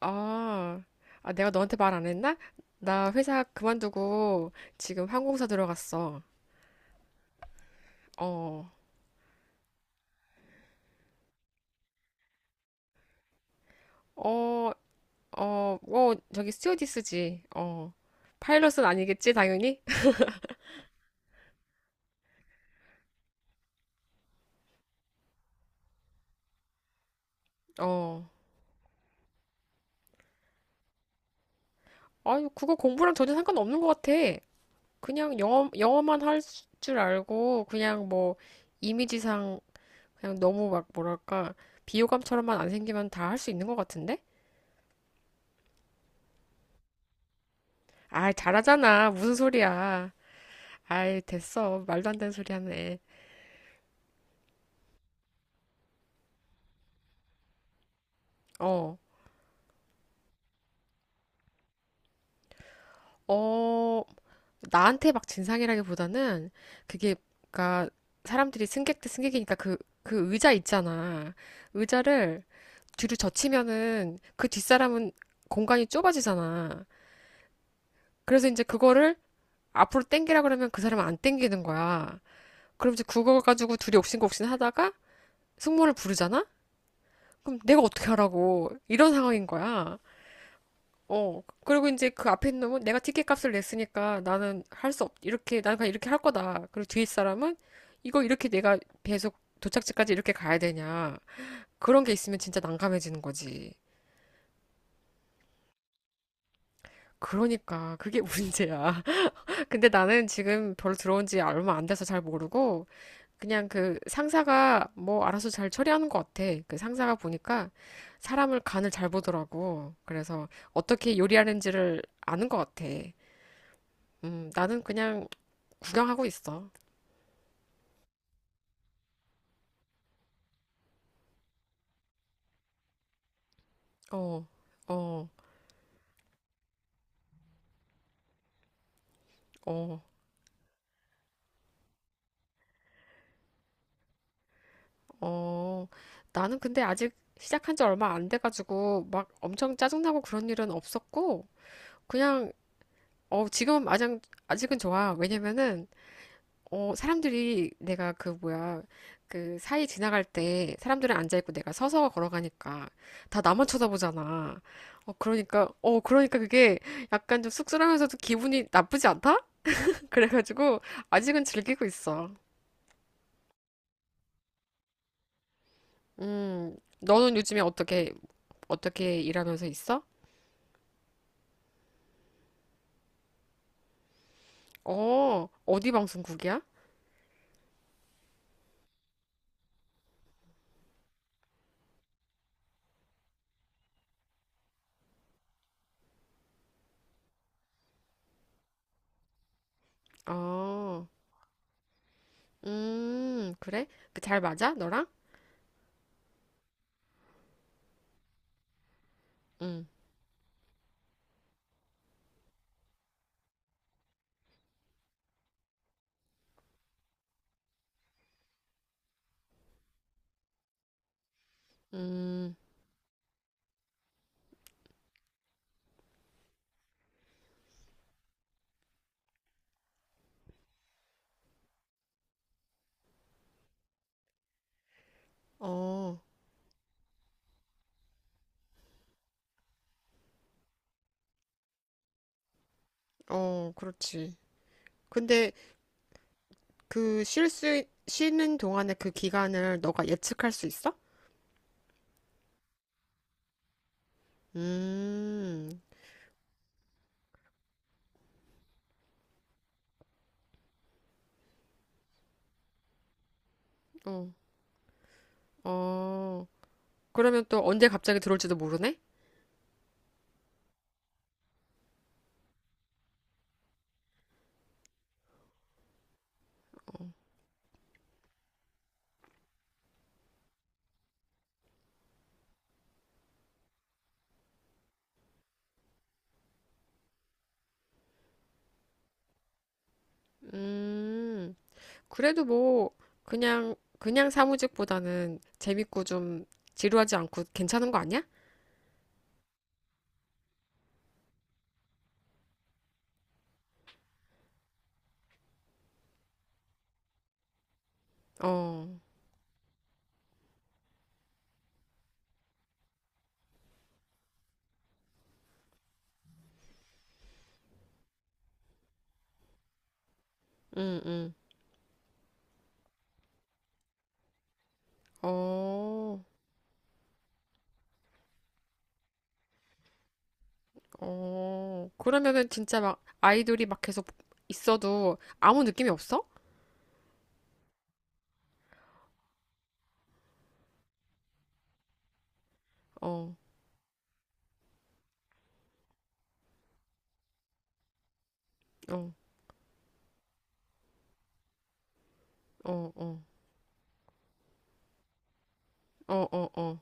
아, 아, 내가 너한테 말 안 했나? 나 회사 그만두고 지금 항공사 들어갔어. 어, 어, 어, 어, 저기 스튜어디스지. 어, 파일럿은 아니겠지, 당연히? 어, 아유, 그거 공부랑 전혀 상관없는 것 같아. 그냥 영어만 할 줄 알고, 그냥 뭐, 이미지상, 그냥 너무 막, 뭐랄까, 비호감처럼만 안 생기면 다 할 수 있는 것 같은데? 아, 잘하잖아. 무슨 소리야. 아이, 됐어. 말도 안 되는 소리 하네. 어, 어, 나한테 막 진상이라기보다는 그게, 그니까 사람들이 승객 대 승객이니까 그, 그 의자 있잖아. 의자를 뒤로 젖히면은 그 뒷사람은 공간이 좁아지잖아. 그래서 이제 그거를 앞으로 당기라 그러면 그 사람은 안 당기는 거야. 그럼 이제 그거 가지고 둘이 옥신각신 하다가 승무원을 부르잖아? 그럼 내가 어떻게 하라고. 이런 상황인 거야. 어. 그리고 이제 그 앞에 있는 놈은 내가 티켓 값을 냈으니까 나는 이렇게, 나는 그냥 이렇게 할 거다. 그리고 뒤에 사람은 이거 이렇게 내가 계속 도착지까지 이렇게 가야 되냐. 그런 게 있으면 진짜 난감해지는 거지. 그러니까 그게 문제야. 근데 나는 지금 별로 들어온 지 얼마 안 돼서 잘 모르고 그냥 그 상사가 뭐 알아서 잘 처리하는 것 같아. 그 상사가 보니까 사람을 간을 잘 보더라고. 그래서 어떻게 요리하는지를 아는 것 같아. 나는 그냥 구경하고 있어. 어, 어, 어, 어. 나는 근데 아직 시작한 지 얼마 안 돼가지고 막 엄청 짜증나고 그런 일은 없었고, 그냥, 어, 지금 아직, 아직은 좋아. 왜냐면은, 어, 사람들이 내가 그 뭐야, 그 사이 지나갈 때 사람들은 앉아있고 내가 서서 걸어가니까 다 나만 쳐다보잖아. 어, 그러니까, 어, 그러니까 그게 약간 좀 쑥스러우면서도 기분이 나쁘지 않다? 그래가지고 아직은 즐기고 있어. 너는 요즘에 어떻게 일하면서 있어? 어, 어디 방송국이야? 어, 그래? 그 잘 맞아? 너랑? 응. 음. 어, 어, 그렇지. 근데 그 쉬는 동안에 그 기간을 너가 예측할 수 있어? 음, 어, 어. 그러면 또 언제 갑자기 들어올지도 모르네? 음. 그래도 뭐 그냥 사무직보다는 재밌고 좀 지루하지 않고 괜찮은 거 아니야? 어, 응, 응. 어, 어. 그러면은 진짜 막 아이돌이 막 계속 있어도 아무 느낌이 없어? 어, 어, 어, 어, 어, 어, 어,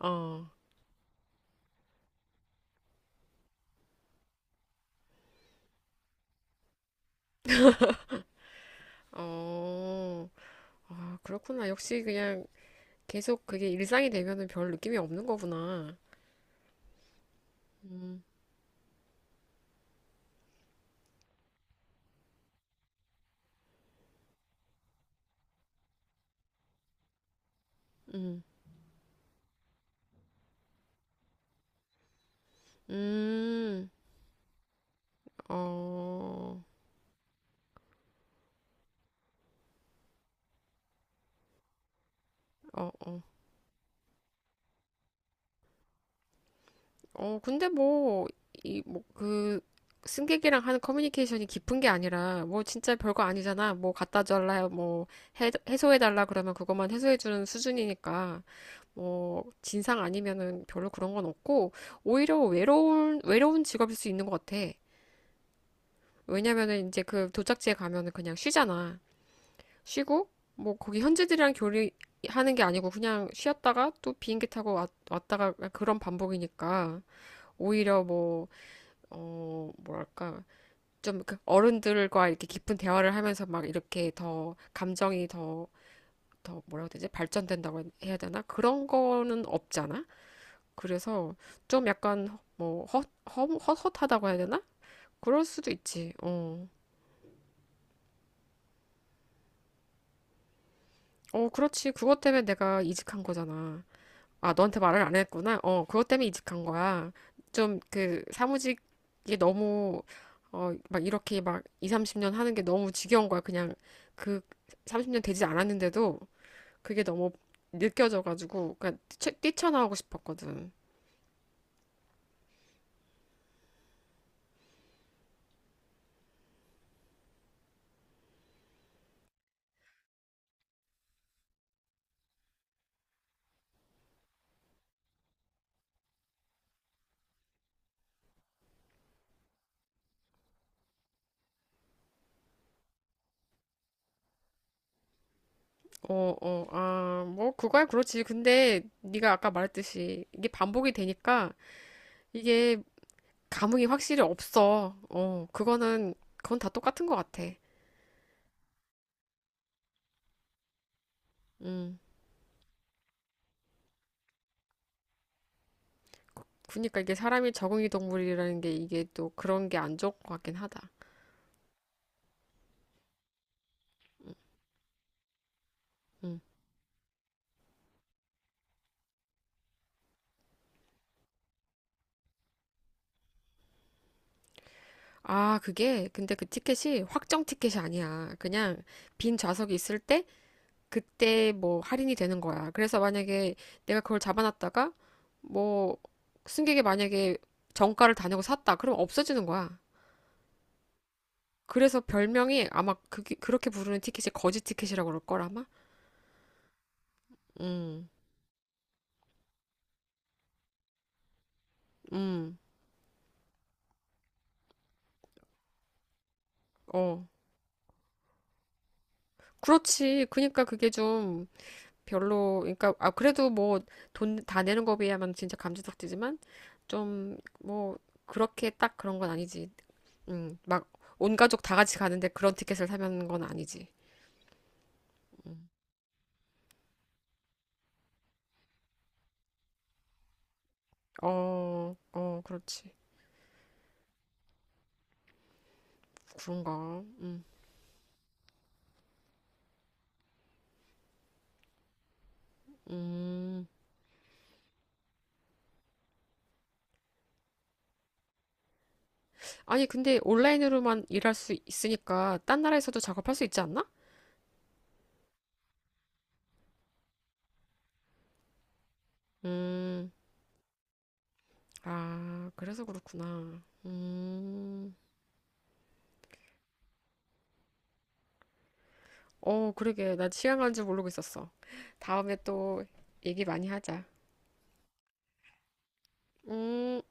어, 어. 아, 그렇구나. 역시 그냥 계속 그게 일상이 되면은 별 느낌이 없는 거구나. 음, 음, 음. 어, 어, 어. 어, 근데 뭐, 이, 뭐, 그, 승객이랑 하는 커뮤니케이션이 깊은 게 아니라, 뭐, 진짜 별거 아니잖아. 뭐, 갖다 달라, 뭐, 해소해달라 그러면 그것만 해소해주는 수준이니까, 뭐, 진상 아니면은 별로 그런 건 없고, 오히려 외로운 직업일 수 있는 것 같아. 왜냐면은 이제 그 도착지에 가면은 그냥 쉬잖아. 쉬고, 뭐, 거기 현지들이랑 교류하는 게 아니고, 그냥 쉬었다가 또 비행기 타고 왔다가 그런 반복이니까, 오히려 뭐, 어, 뭐랄까, 좀 그 어른들과 이렇게 깊은 대화를 하면서 막 이렇게 더 감정이 더 뭐라고 해야 되지? 발전된다고 해야 되나? 그런 거는 없잖아? 그래서 좀 약간 뭐 헛헛하다고 해야 되나? 그럴 수도 있지. 어. 어, 그렇지. 그것 때문에 내가 이직한 거잖아. 아, 너한테 말을 안 했구나. 어, 그것 때문에 이직한 거야. 좀 그 사무직이 너무 어, 막 이렇게 막 2, 30년 하는 게 너무 지겨운 거야. 그냥 그 30년 되지 않았는데도 그게 너무 느껴져 가지고 그러니까 뛰쳐나오고 싶었거든. 어, 어, 아, 뭐 그거야 그렇지. 근데 네가 아까 말했듯이 이게 반복이 되니까 이게 감흥이 확실히 없어. 어, 그거는 그건 다 똑같은 것 같아. 음. 그니까 이게 사람이 적응이 동물이라는 게 이게 또 그런 게 안 좋을 것 같긴 하다. 음. 아, 그게 근데 그 티켓이 확정 티켓이 아니야. 그냥 빈 좌석이 있을 때 그때 뭐 할인이 되는 거야. 그래서 만약에 내가 그걸 잡아놨다가 뭐 승객이 만약에 정가를 다 내고 샀다. 그럼 없어지는 거야. 그래서 별명이 아마 그 그렇게 부르는 티켓이 거지 티켓이라고 그럴 걸 아마. 음. 음. 어. 그렇지. 그니까 그게 좀 별로 그러니까 아 그래도 뭐 돈 다 내는 거 비하면 진짜 감지덕지지만 좀 뭐 그렇게 딱 그런 건 아니지. 막 온 가족 다 같이 가는데 그런 티켓을 사면 건 아니지. 어, 어, 그렇지. 그런가. 음. 아니 근데 온라인으로만 일할 수 있으니까 딴 나라에서도 작업할 수 있지 않나? 음, 아, 그래서 그렇구나. 어, 그러게. 난 시간 가는 줄 모르고 있었어. 다음에 또 얘기 많이 하자. 음.